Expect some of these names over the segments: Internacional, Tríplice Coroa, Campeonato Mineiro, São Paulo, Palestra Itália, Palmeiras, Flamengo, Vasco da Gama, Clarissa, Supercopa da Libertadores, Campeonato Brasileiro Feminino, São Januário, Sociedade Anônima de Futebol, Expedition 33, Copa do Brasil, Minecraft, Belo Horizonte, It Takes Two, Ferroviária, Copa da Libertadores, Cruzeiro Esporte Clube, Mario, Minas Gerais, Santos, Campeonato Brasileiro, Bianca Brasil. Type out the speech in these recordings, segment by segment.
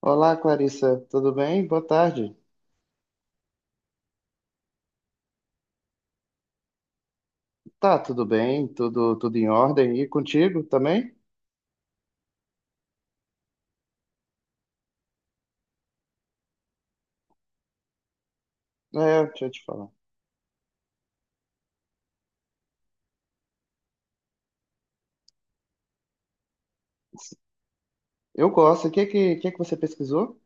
Olá, Clarissa, tudo bem? Boa tarde. Tá, tudo bem, tudo em ordem. E contigo também? É, deixa eu te falar. Eu gosto. O que que você pesquisou?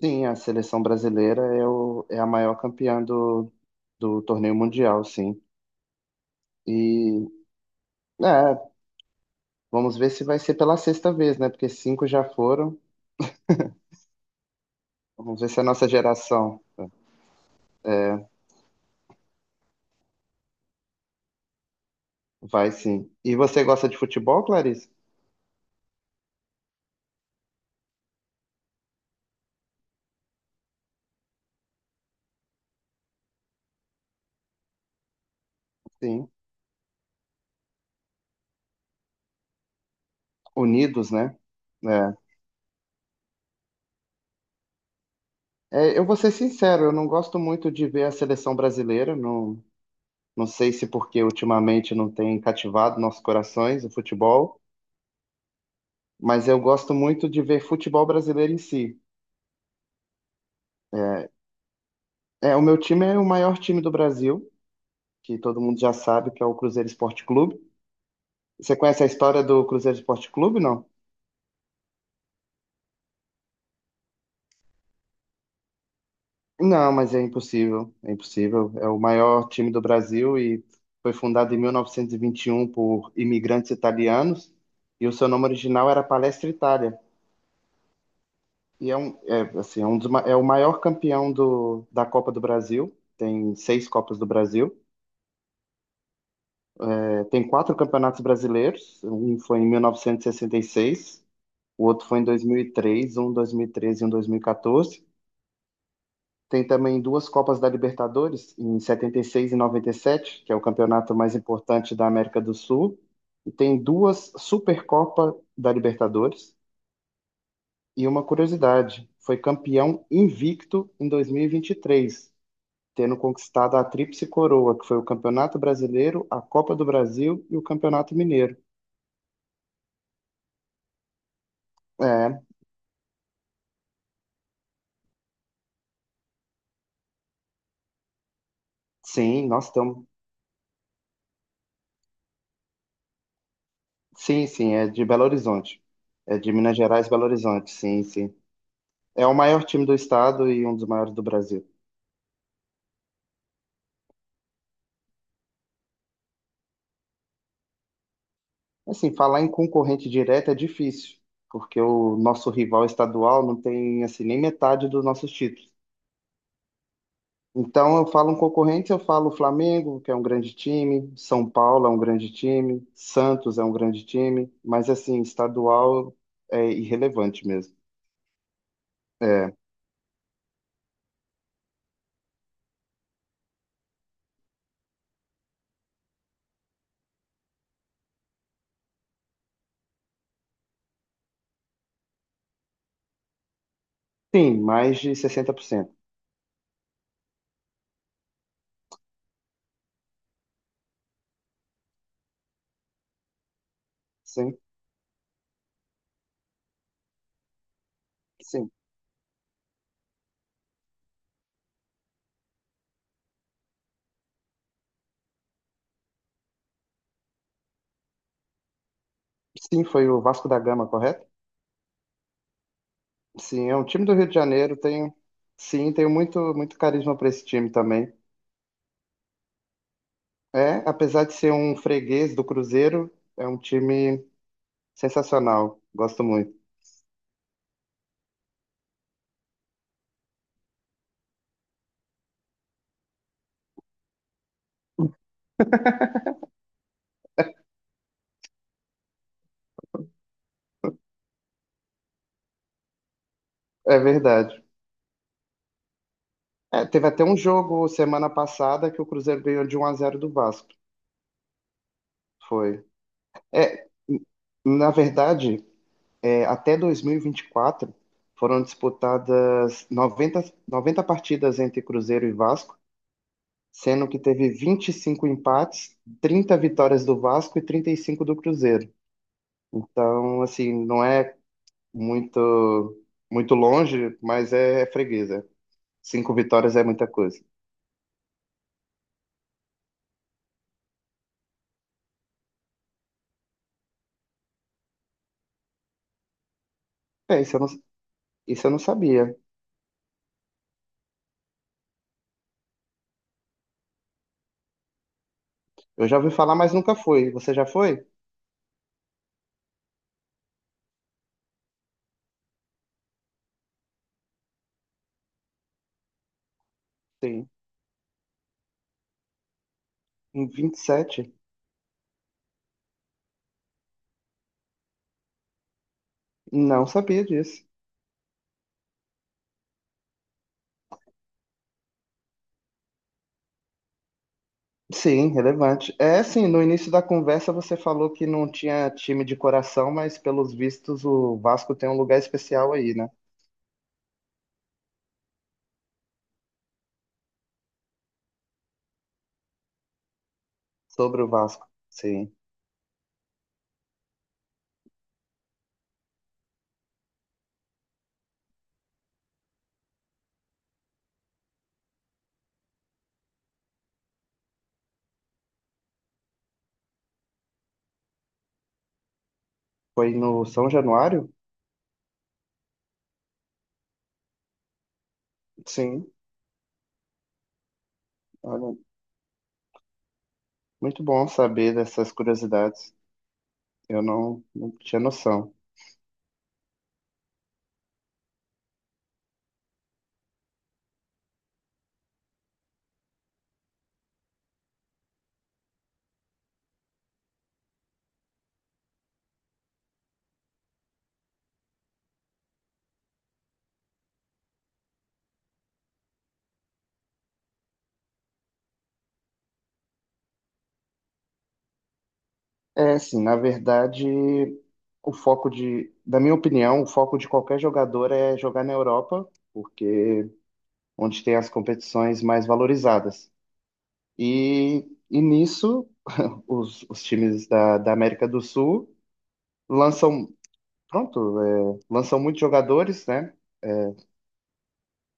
Sim, a seleção brasileira é a maior campeã do torneio mundial, sim. E, é, vamos ver se vai ser pela sexta vez, né? Porque cinco já foram. Vamos ver se a nossa geração vai, sim. E você gosta de futebol, Clarissa? Sim. Unidos, né? É. Eu vou ser sincero, eu não gosto muito de ver a seleção brasileira. Não, não sei se porque ultimamente não tem cativado nossos corações o futebol, mas eu gosto muito de ver futebol brasileiro em si. É, o meu time é o maior time do Brasil, que todo mundo já sabe que é o Cruzeiro Esporte Clube. Você conhece a história do Cruzeiro Esporte Clube, não? Não, mas é impossível, é impossível. É o maior time do Brasil e foi fundado em 1921 por imigrantes italianos, e o seu nome original era Palestra Itália. E é o maior campeão da Copa do Brasil. Tem seis Copas do Brasil. Tem quatro campeonatos brasileiros. Um foi em 1966, o outro foi em 2003, um em 2013 e um em 2014. Tem também duas Copas da Libertadores, em 76 e 97, que é o campeonato mais importante da América do Sul. E tem duas Supercopa da Libertadores. E uma curiosidade, foi campeão invicto em 2023, tendo conquistado a Tríplice Coroa, que foi o Campeonato Brasileiro, a Copa do Brasil e o Campeonato Mineiro. É, sim, nós estamos. Sim, sim, é de Belo Horizonte. É de Minas Gerais, Belo Horizonte, sim, sim. É o maior time do estado e um dos maiores do Brasil. Assim, falar em concorrente direto é difícil, porque o nosso rival estadual não tem assim nem metade dos nossos títulos. Então, eu falo um concorrente, eu falo Flamengo, que é um grande time, São Paulo é um grande time, Santos é um grande time, mas, assim, estadual é irrelevante mesmo. É, sim, mais de 60%. Sim, sim. Sim, foi o Vasco da Gama, correto? Sim, é um time do Rio de Janeiro. Sim, tenho muito, muito carisma para esse time também. É, apesar de ser um freguês do Cruzeiro, é um time sensacional. Gosto muito. É verdade. É, teve até um jogo semana passada que o Cruzeiro ganhou de 1-0 do Vasco. Foi. N- Na verdade, até 2024 foram disputadas noventa partidas entre Cruzeiro e Vasco, sendo que teve 25 empates, 30 vitórias do Vasco e 35 do Cruzeiro. Então, assim, não é muito muito longe, mas é freguesa. Cinco vitórias é muita coisa. É, isso eu não sabia. Eu já ouvi falar, mas nunca fui. Você já foi? Sim. Em 27. Não sabia disso. Sim, relevante. É assim, no início da conversa você falou que não tinha time de coração, mas pelos vistos o Vasco tem um lugar especial aí, né? Sobre o Vasco. Sim. Foi no São Januário? Sim. Olha, muito bom saber dessas curiosidades. Eu não tinha noção. É, assim, na verdade, da minha opinião, o foco de qualquer jogador é jogar na Europa, porque onde tem as competições mais valorizadas. E nisso, os times da América do Sul lançam, lançam muitos jogadores, né?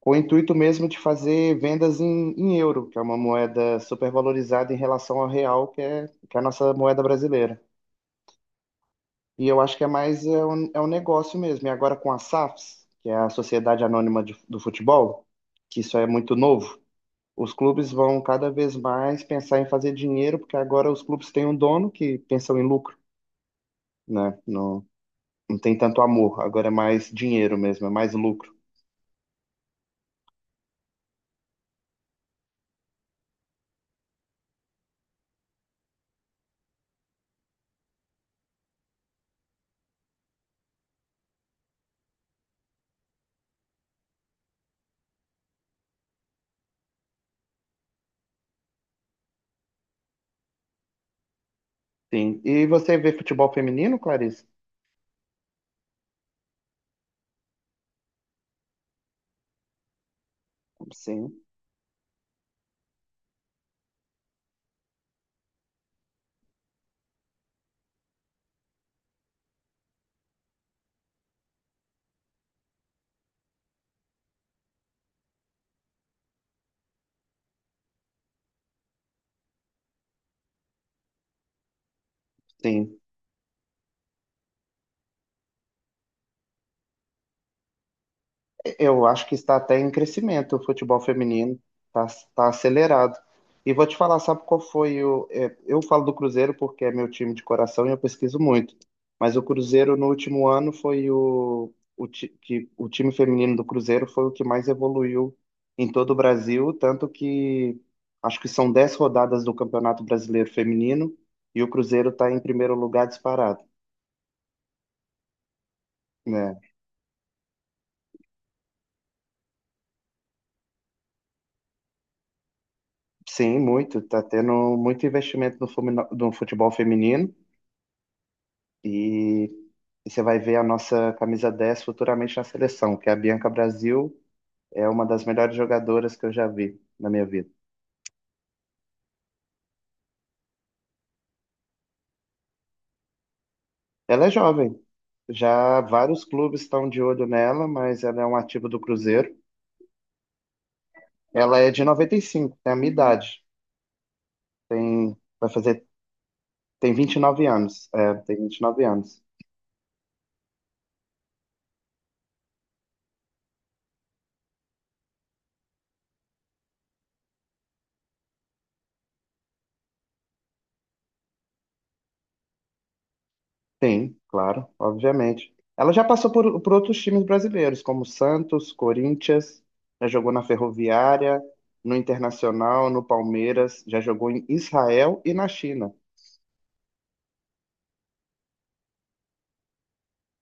Com o intuito mesmo de fazer vendas em euro, que é uma moeda supervalorizada em relação ao real, que é a nossa moeda brasileira. E eu acho que é mais é um negócio mesmo. E agora com a SAFs, que é a Sociedade Anônima do Futebol, que isso é muito novo, os clubes vão cada vez mais pensar em fazer dinheiro, porque agora os clubes têm um dono que pensam em lucro, né? Não, não tem tanto amor, agora é mais dinheiro mesmo, é mais lucro. Sim. E você vê futebol feminino, Clarice? Sim. Sim. Eu acho que está até em crescimento o futebol feminino, está tá acelerado. E vou te falar, sabe qual foi o. é, eu falo do Cruzeiro porque é meu time de coração e eu pesquiso muito. Mas o Cruzeiro no último ano foi o, ti- que, o time feminino do Cruzeiro foi o que mais evoluiu em todo o Brasil, tanto que acho que são 10 rodadas do Campeonato Brasileiro Feminino e o Cruzeiro está em primeiro lugar disparado, né? Sim, muito. Está tendo muito investimento no futebol feminino. E, e você vai ver a nossa camisa 10 futuramente na seleção, que é a Bianca Brasil, é uma das melhores jogadoras que eu já vi na minha vida. Ela é jovem, já vários clubes estão de olho nela, mas ela é um ativo do Cruzeiro. Ela é de 95, tem a minha idade. Tem, vai fazer, tem 29 anos. É, tem 29 anos. Tem, claro, obviamente. Ela já passou por outros times brasileiros, como Santos, Corinthians, já jogou na Ferroviária, no Internacional, no Palmeiras, já jogou em Israel e na China.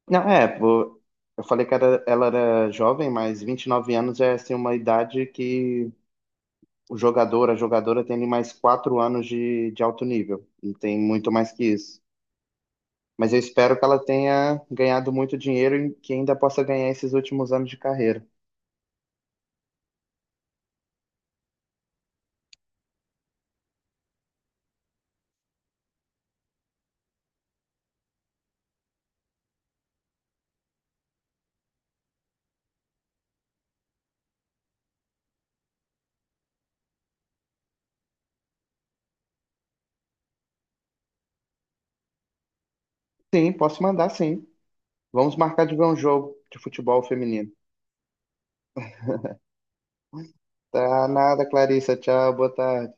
Não, pô, eu falei que ela era jovem, mas 29 anos é assim uma idade que o jogador, a jogadora tem ali mais 4 anos de alto nível, não tem muito mais que isso. Mas eu espero que ela tenha ganhado muito dinheiro e que ainda possa ganhar esses últimos anos de carreira. Sim, posso mandar, sim. Vamos marcar de ver um jogo de futebol feminino. Tá nada, Clarissa. Tchau, boa tarde.